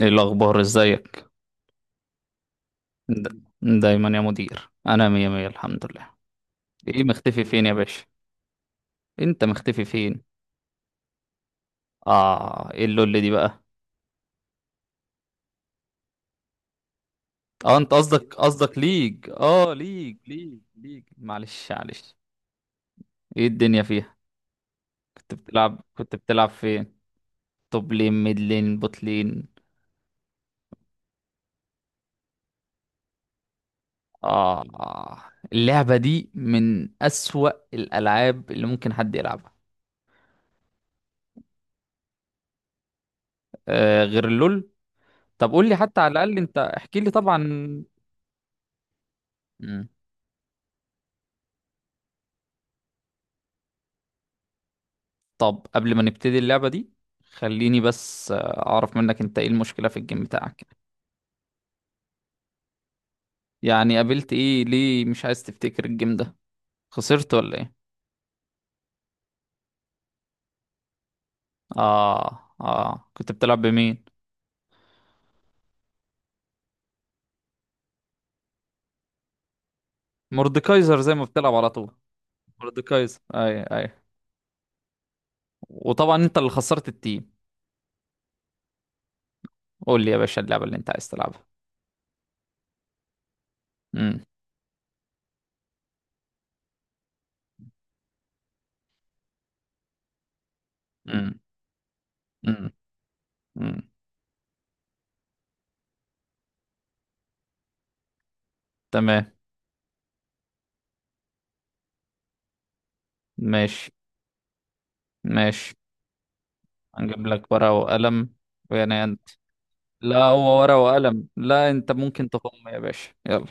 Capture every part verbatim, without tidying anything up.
ايه الاخبار؟ ازيك؟ د- دايما يا مدير، انا مية مية، الحمد لله. ايه؟ مختفي فين يا باشا؟ انت مختفي فين؟ اه، ايه اللول دي بقى؟ اه، انت قصدك قصدك ليج، اه ليج ليج ليج، معلش معلش. ايه الدنيا فيها؟ كنت بتلعب كنت بتلعب فين؟ توب لين، ميد لين، بوت لين. اه. آه. اللعبة دي من اسوأ الالعاب اللي ممكن حد يلعبها. آه، غير اللول. طب قول لي حتى على الاقل، انت احكي لي طبعا. طب قبل ما نبتدي اللعبة دي، خليني بس آه، أعرف منك أنت، إيه المشكلة في الجيم بتاعك؟ يعني قابلت إيه؟ ليه مش عايز تفتكر الجيم ده؟ خسرت ولا إيه؟ آه آه، كنت بتلعب بمين؟ مورديكايزر زي ما بتلعب على طول؟ مورديكايزر؟ أي أي. وطبعا أنت اللي خسرت التيم. قول لي يا باشا اللعبة اللي أنت عايز تلعبها. امم. امم. امم. امم. تمام. ماشي. ماشي. هنجيب لك ورقة وقلم، ويعني أنت. لا، هو ورقة وقلم؟ لا، أنت ممكن تقوم يا باشا، يلا.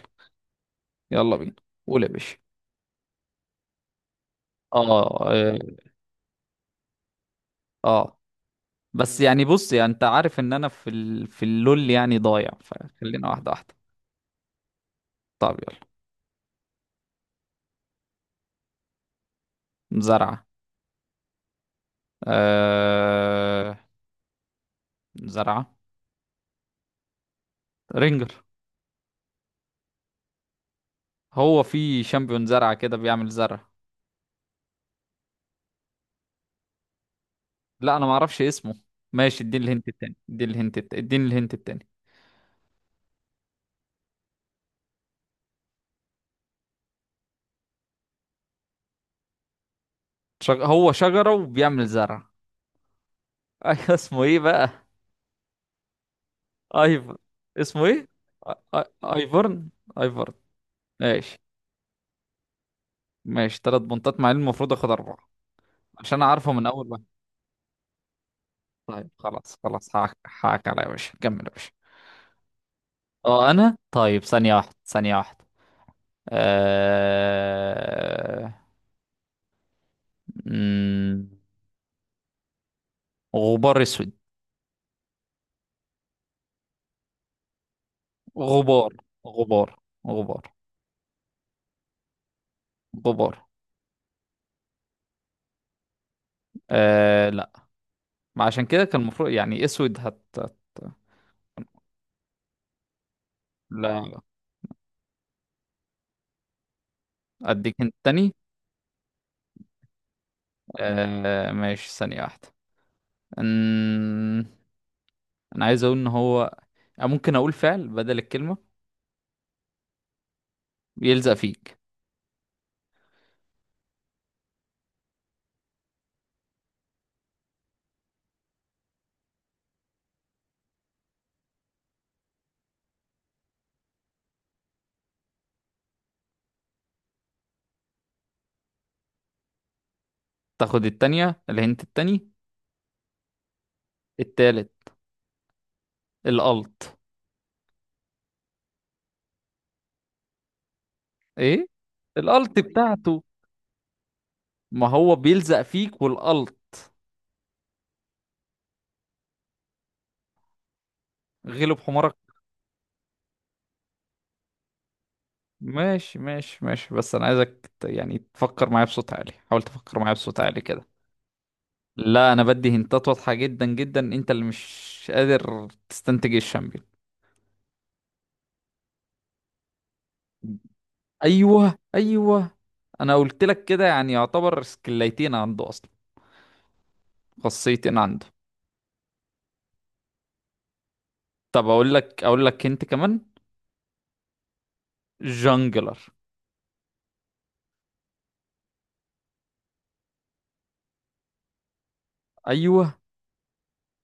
يلا بينا. قول يا باشا. اه اه. آه. بس يعني، بص يعني انت عارف ان انا في ال... في اللول يعني ضايع، فخلينا واحده واحده. طب يلا. زرعه. آه... زرعه؟ رينجر؟ هو في شامبيون زرعه كده بيعمل زرع؟ لا، انا ما اعرفش اسمه. ماشي، اديني الهنت التاني، اديني الهنت التاني، اديني الهنت التاني. شج... هو شجره وبيعمل زرع؟ ايوه، اسمه ايه بقى؟ ايفر. اسمه ايه؟ آ- آ- ايفرن. ايفرن. ماشي. ماشي، تلات بنطات، مع إن المفروض اخد اربعه، عشان اعرفه من اول واحد. طيب خلاص، خلاص، حقك حقك عليا يا باشا، كمل يا باشا. اه، انا طيب، ثانية واحدة، ثانية واحدة. آه... مم، غبار اسود. غبار. غبار. غبار. غبار. آه... لا. ما عشان كده كان المفروض يعني اسود هت... هت... لا. اديك انت تاني. آه... ماشي، ثانية واحدة. مم، انا عايز اقول ان هو، ممكن اقول فعل بدل الكلمة. يلزق فيك. تاخد التانية، الهنت التاني. التالت. الألت. ايه الألت بتاعته؟ ما هو بيلزق فيك والألت. غلب حمارك. ماشي ماشي ماشي، بس انا عايزك ت- يعني تفكر معايا بصوت عالي، حاول تفكر معايا بصوت عالي كده. لا، انا بدي هنتات واضحة جدا جدا، انت اللي مش قادر تستنتج الشامبيون. ايوه ايوه. انا قلت لك كده، يعني يعتبر سكليتين عنده اصلا. خاصيتين عنده. طب اقول لك، اقول لك انت كمان. جانجلر. ايوه.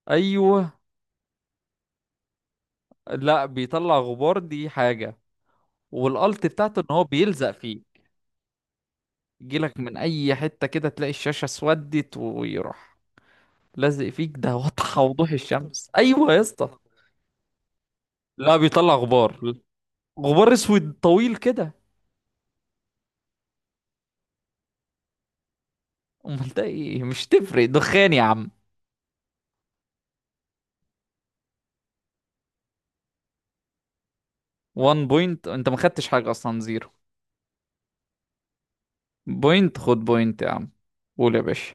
ايوه. لا، بيطلع غبار دي حاجة، والالت بتاعته ان هو بيلزق فيه. يجيلك من اي حتة كده تلاقي الشاشة اسودت ويروح لازق فيك. ده واضحة وضوح الشمس. ايوه يا اسطى. لا، بيطلع غبار. غبار اسود طويل كده. امال ده ايه؟ مش تفرق، دخان يا عم. 1 بوينت، انت ما خدتش حاجة اصلا، زيرو بوينت. خد بوينت يا عم. قول يا باشا.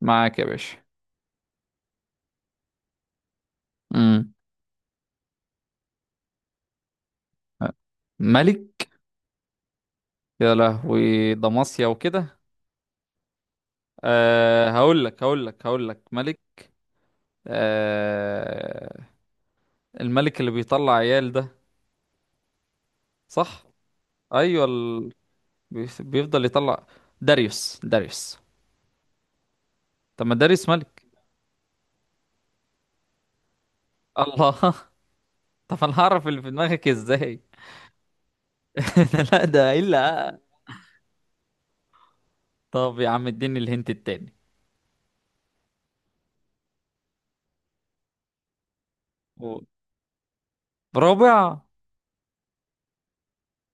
معاك يا باشا. امم. ملك. يا لهوي ده مصيا وكده. أه، هقول لك هقول لك هقول لك ملك. آه. الملك اللي بيطلع عيال ده. صح. ايوه ال... بي- بيفضل يطلع. داريوس. داريوس. طب ما داريوس ملك. الله. طب انا هعرف اللي في دماغك ازاي؟ لا، ده الا. طب يا عم اديني الهنت التاني. و- رابع.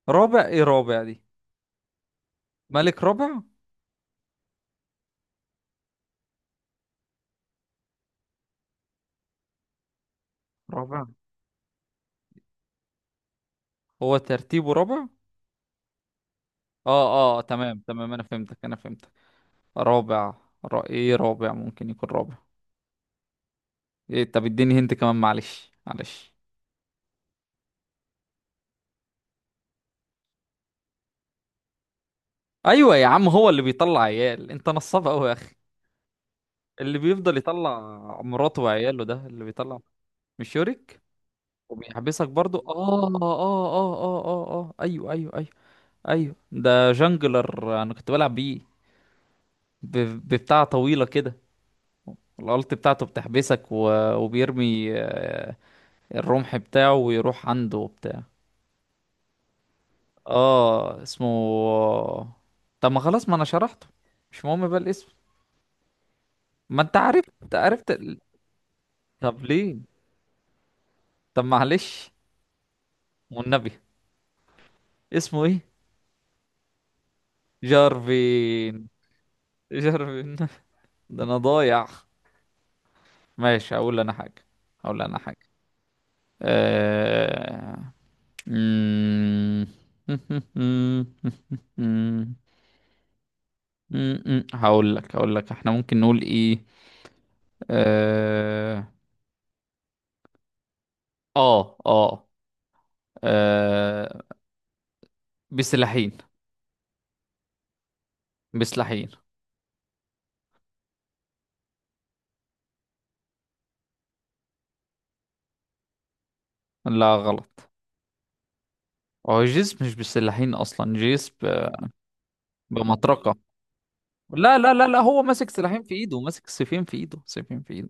رابع. ايه رابع دي؟ ملك رابع. رابع. هو ترتيبه رابع. اه اه، تمام تمام، انا فهمتك انا فهمتك. رابع. را... ايه، رابع ممكن يكون رابع. إيه؟ طب اديني هنت كمان، معلش معلش. ايوه يا عم، هو اللي بيطلع عيال؟ انت نصاب قوي يا اخي. اللي بيفضل يطلع مراته وعياله ده اللي بيطلع. مش يوريك. وبيحبسك برضو؟ اه اه اه اه اه اه، ايوه ايوه ايوه. ايوه ده جانجلر، انا كنت بلعب بيه. ب- ببتاع طويله كده. الالت بتاعته بتحبسك، و... وبيرمي آه، الرمح بتاعه، ويروح عنده وبتاع. اه، اسمه. طب ما خلاص، ما انا شرحته، مش مهم بقى الاسم. ما انت عرفت عرفت ال- طب ليه؟ طب معلش، والنبي. اسمه ايه؟ جارفين. جارفين. ده انا ضايع. ماشي، هقول انا حاجة. هقول انا حاجة. أه... مم. م-م. هقول لك هقول لك احنا ممكن نقول ايه. اه. اه اه. آه، بسلاحين. بسلاحين. لا، غلط. هو جسم مش بسلاحين اصلا، جسم. بمطرقة. لا لا لا لا، هو ماسك سلاحين في ايده، ماسك سيفين في ايده، سيفين في ايده.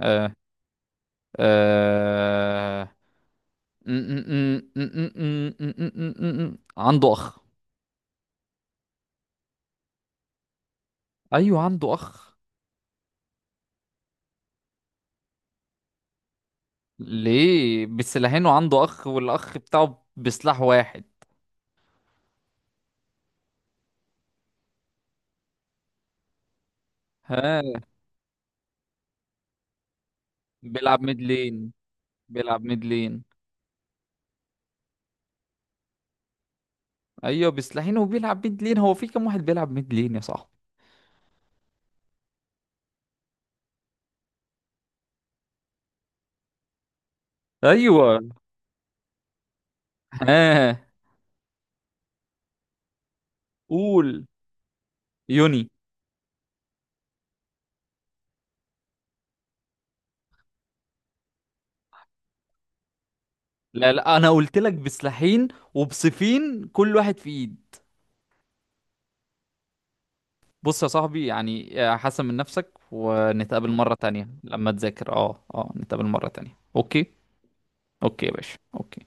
آه. آه. م- م- م- م- م- م- م- م- عنده اخ. ايوه عنده اخ. ليه بسلاحين وعنده اخ والاخ بتاعه بسلاح واحد؟ ها؟ بيلعب ميد لين. بيلعب ميد لين. ايوه، بسلاحين وبيلعب ميد لين، هو في كام واحد بيلعب ميد لين يا صاحبي؟ ايوه. ها. قول. يوني. لا لا، انا قلت لك بسلاحين وبسيفين، كل واحد في ايد. بص يا صاحبي، يعني آه، حسن من نفسك، ونتقابل مرة تانية لما تذاكر، اه اه نتقابل مرة تانية، اوكي؟ اوكي يا باشا، اوكي.